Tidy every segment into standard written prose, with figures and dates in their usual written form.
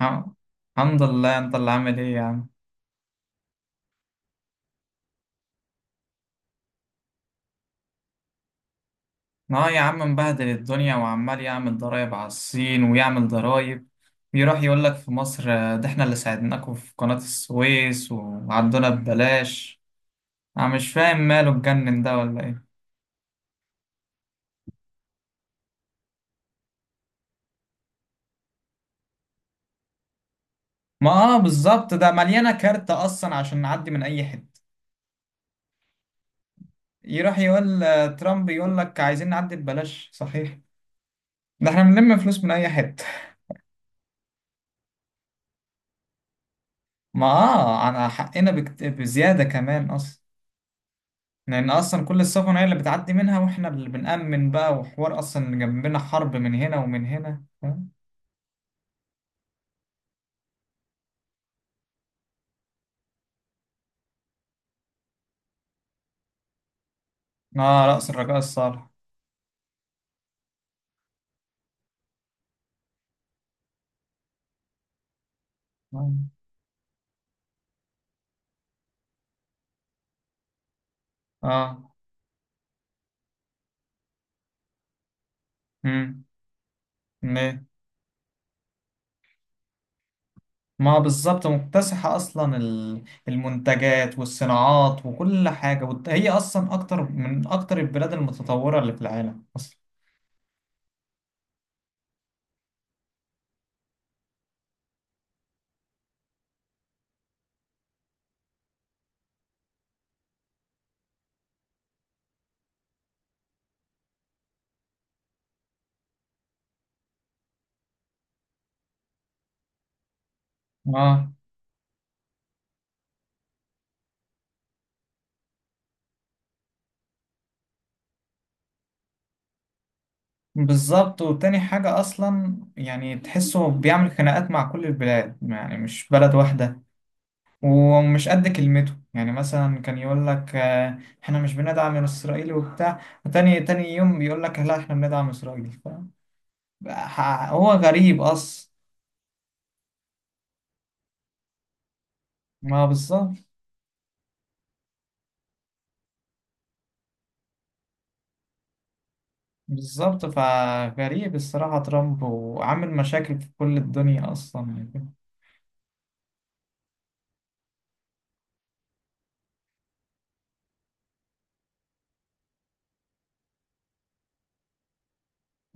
الحم- الحمد لله، انت اللي عامل ايه يا عم؟ اه يا عم، مبهدل الدنيا وعمال يعمل ضرايب على الصين ويعمل ضرايب. بيروح يقول لك في مصر، ده احنا اللي ساعدناكم في قناة السويس وعدونا ببلاش. انا مش فاهم ماله، اتجنن ده ولا ايه؟ ما اه، بالظبط ده مليانة كارت اصلا عشان نعدي من اي حتة. يروح يقول، ترامب يقول لك عايزين نعدي ببلاش صحيح؟ ده احنا بنلم فلوس من اي حتة. ما اه، على حقنا بزيادة كمان اصلا. لأن أصلا كل السفن هي اللي بتعدي منها، وإحنا اللي بنأمن بقى، وحوار أصلا جنبنا حرب من هنا ومن هنا، فاهم؟ آه، رأس الرجاء الصالح. آه. آه. مم. ليه؟ ما بالظبط، مكتسحة أصلا المنتجات والصناعات وكل حاجة هي أصلا أكتر من أكتر البلاد المتطورة اللي في العالم أصلا. آه بالظبط. وتاني حاجة أصلا، يعني تحسه بيعمل خناقات مع كل البلاد، يعني مش بلد واحدة. ومش قد كلمته يعني، مثلا كان يقول لك، احنا مش بندعم اسرائيل وبتاع، وتاني تاني يوم بيقول لك لا احنا بندعم اسرائيل، فاهم؟ هو غريب اصلا. ما بالظبط. بالظبط فغريب الصراحة ترامب، وعامل مشاكل في كل الدنيا اصلا. يعني.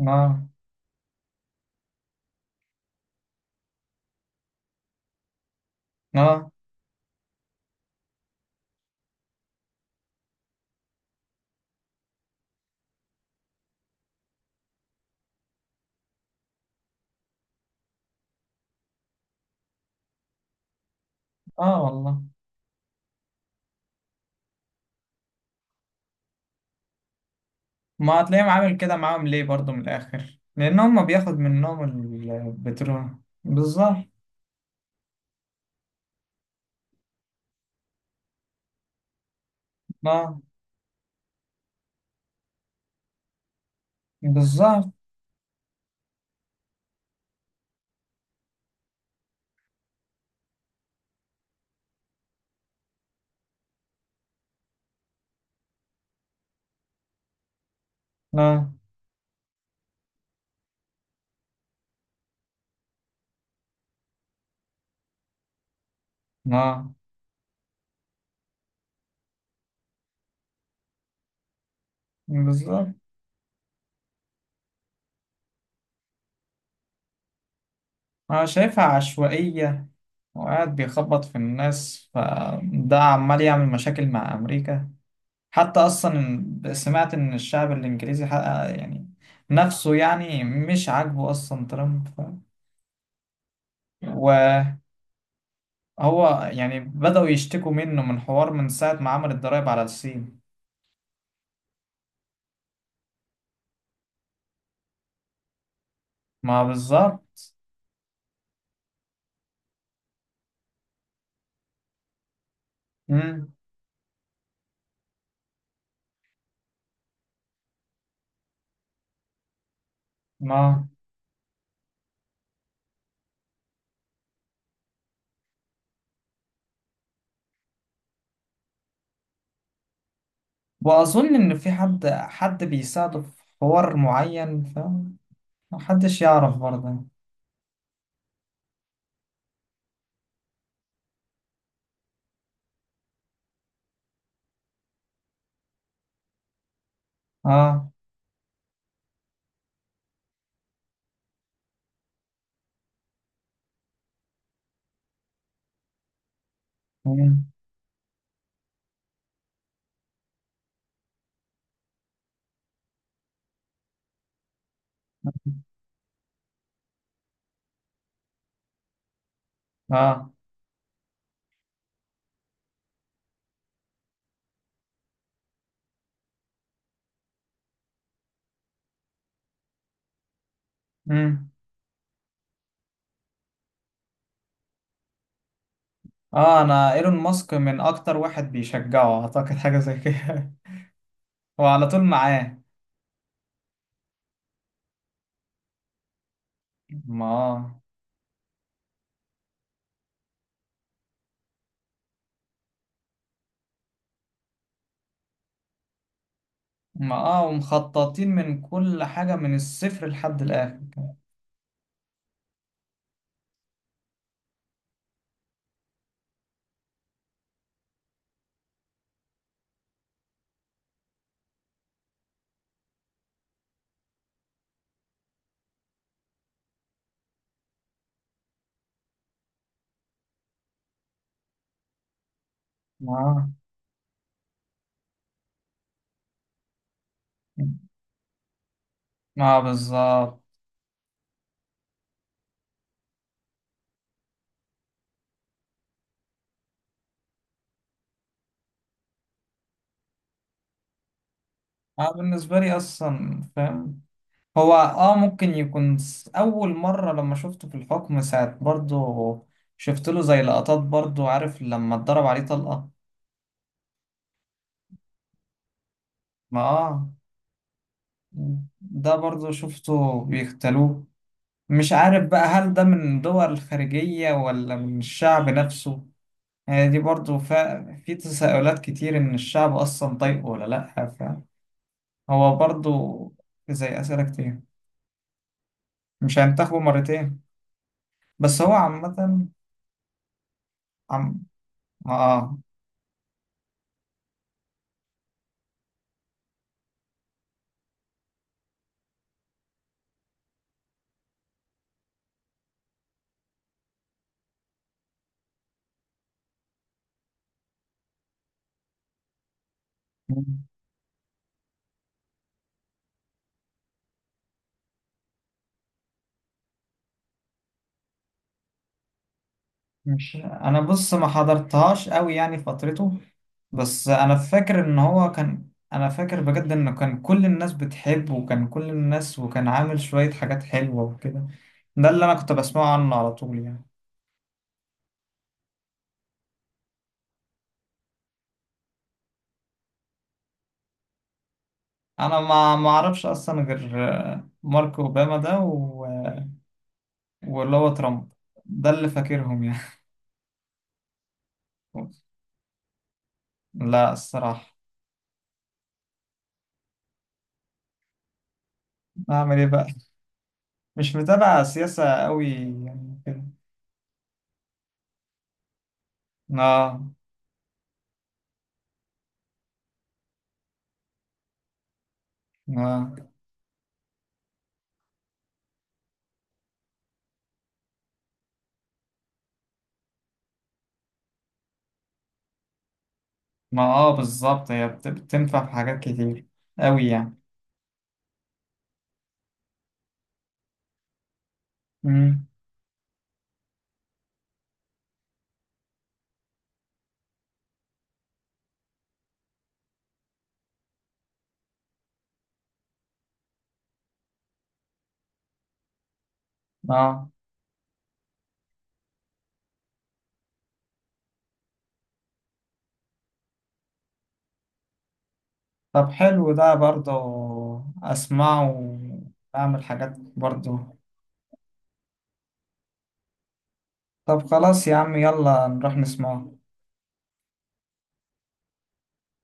اه، اه، اه والله. ما هتلاقيهم عامل كده معاهم ليه برضه؟ من الاخر، لان هم بياخد منهم البترول. بالظبط. اه، بالظبط. اه، اه، بالظبط. أنا شايفها عشوائية، وقاعد بيخبط في الناس، فده عمال يعمل مشاكل مع أمريكا. حتى أصلا، سمعت إن الشعب الإنجليزي حقق يعني نفسه، يعني مش عاجبه أصلا ترامب وهو يعني، بدأوا يشتكوا منه من حوار، من ساعة ما عمل الضرايب على الصين. ما بالظبط. مم. ما، وأظن إن في حد حد بيساعده في حوار معين، فمحدش يعرف برضه. آه. مم. آه. امم اه، انا ايلون ماسك من اكتر واحد بيشجعه، اعتقد حاجه زي كده. هو على طول معاه. ما آه. ما اه، ومخططين من كل حاجه من الصفر لحد الاخر. ما آه. ما آه، بالظبط. انا بالنسبه لي اصلا فاهم. هو ممكن يكون اول مره لما شفته في الحكم ساعه برضه. شفت له زي لقطات برضه، عارف لما اتضرب عليه طلقه. ما اه. ده برضه شفته بيختلوه. مش عارف بقى، هل ده من دول الخارجية ولا من الشعب نفسه. يعني دي برضو في تساؤلات كتير إن الشعب أصلا طيب ولا لأ. فهو برضو زي أسئلة كتير. مش هينتخبوا مرتين. بس هو عامة. عم... آه. مش أنا، بص ما حضرتهاش أوي يعني فترته. بس انا فاكر بجد انه كان كل الناس بتحبه، وكان كل الناس وكان عامل شوية حاجات حلوة وكده. ده اللي انا كنت بسمعه عنه على طول يعني. انا ما اعرفش اصلا غير مارك اوباما ده واللي هو ترامب. ده اللي فاكرهم يعني. لا، الصراحة اعمل ايه بقى، مش متابع سياسة قوي يعني كده. اه. اه. ما اه، بالظبط. هي بتنفع في حاجات كتير قوي يعني. امم. اه، طب حلو ده برضه، أسمعه وأعمل حاجات برضه. طب خلاص يا عم، يلا نروح نسمعه.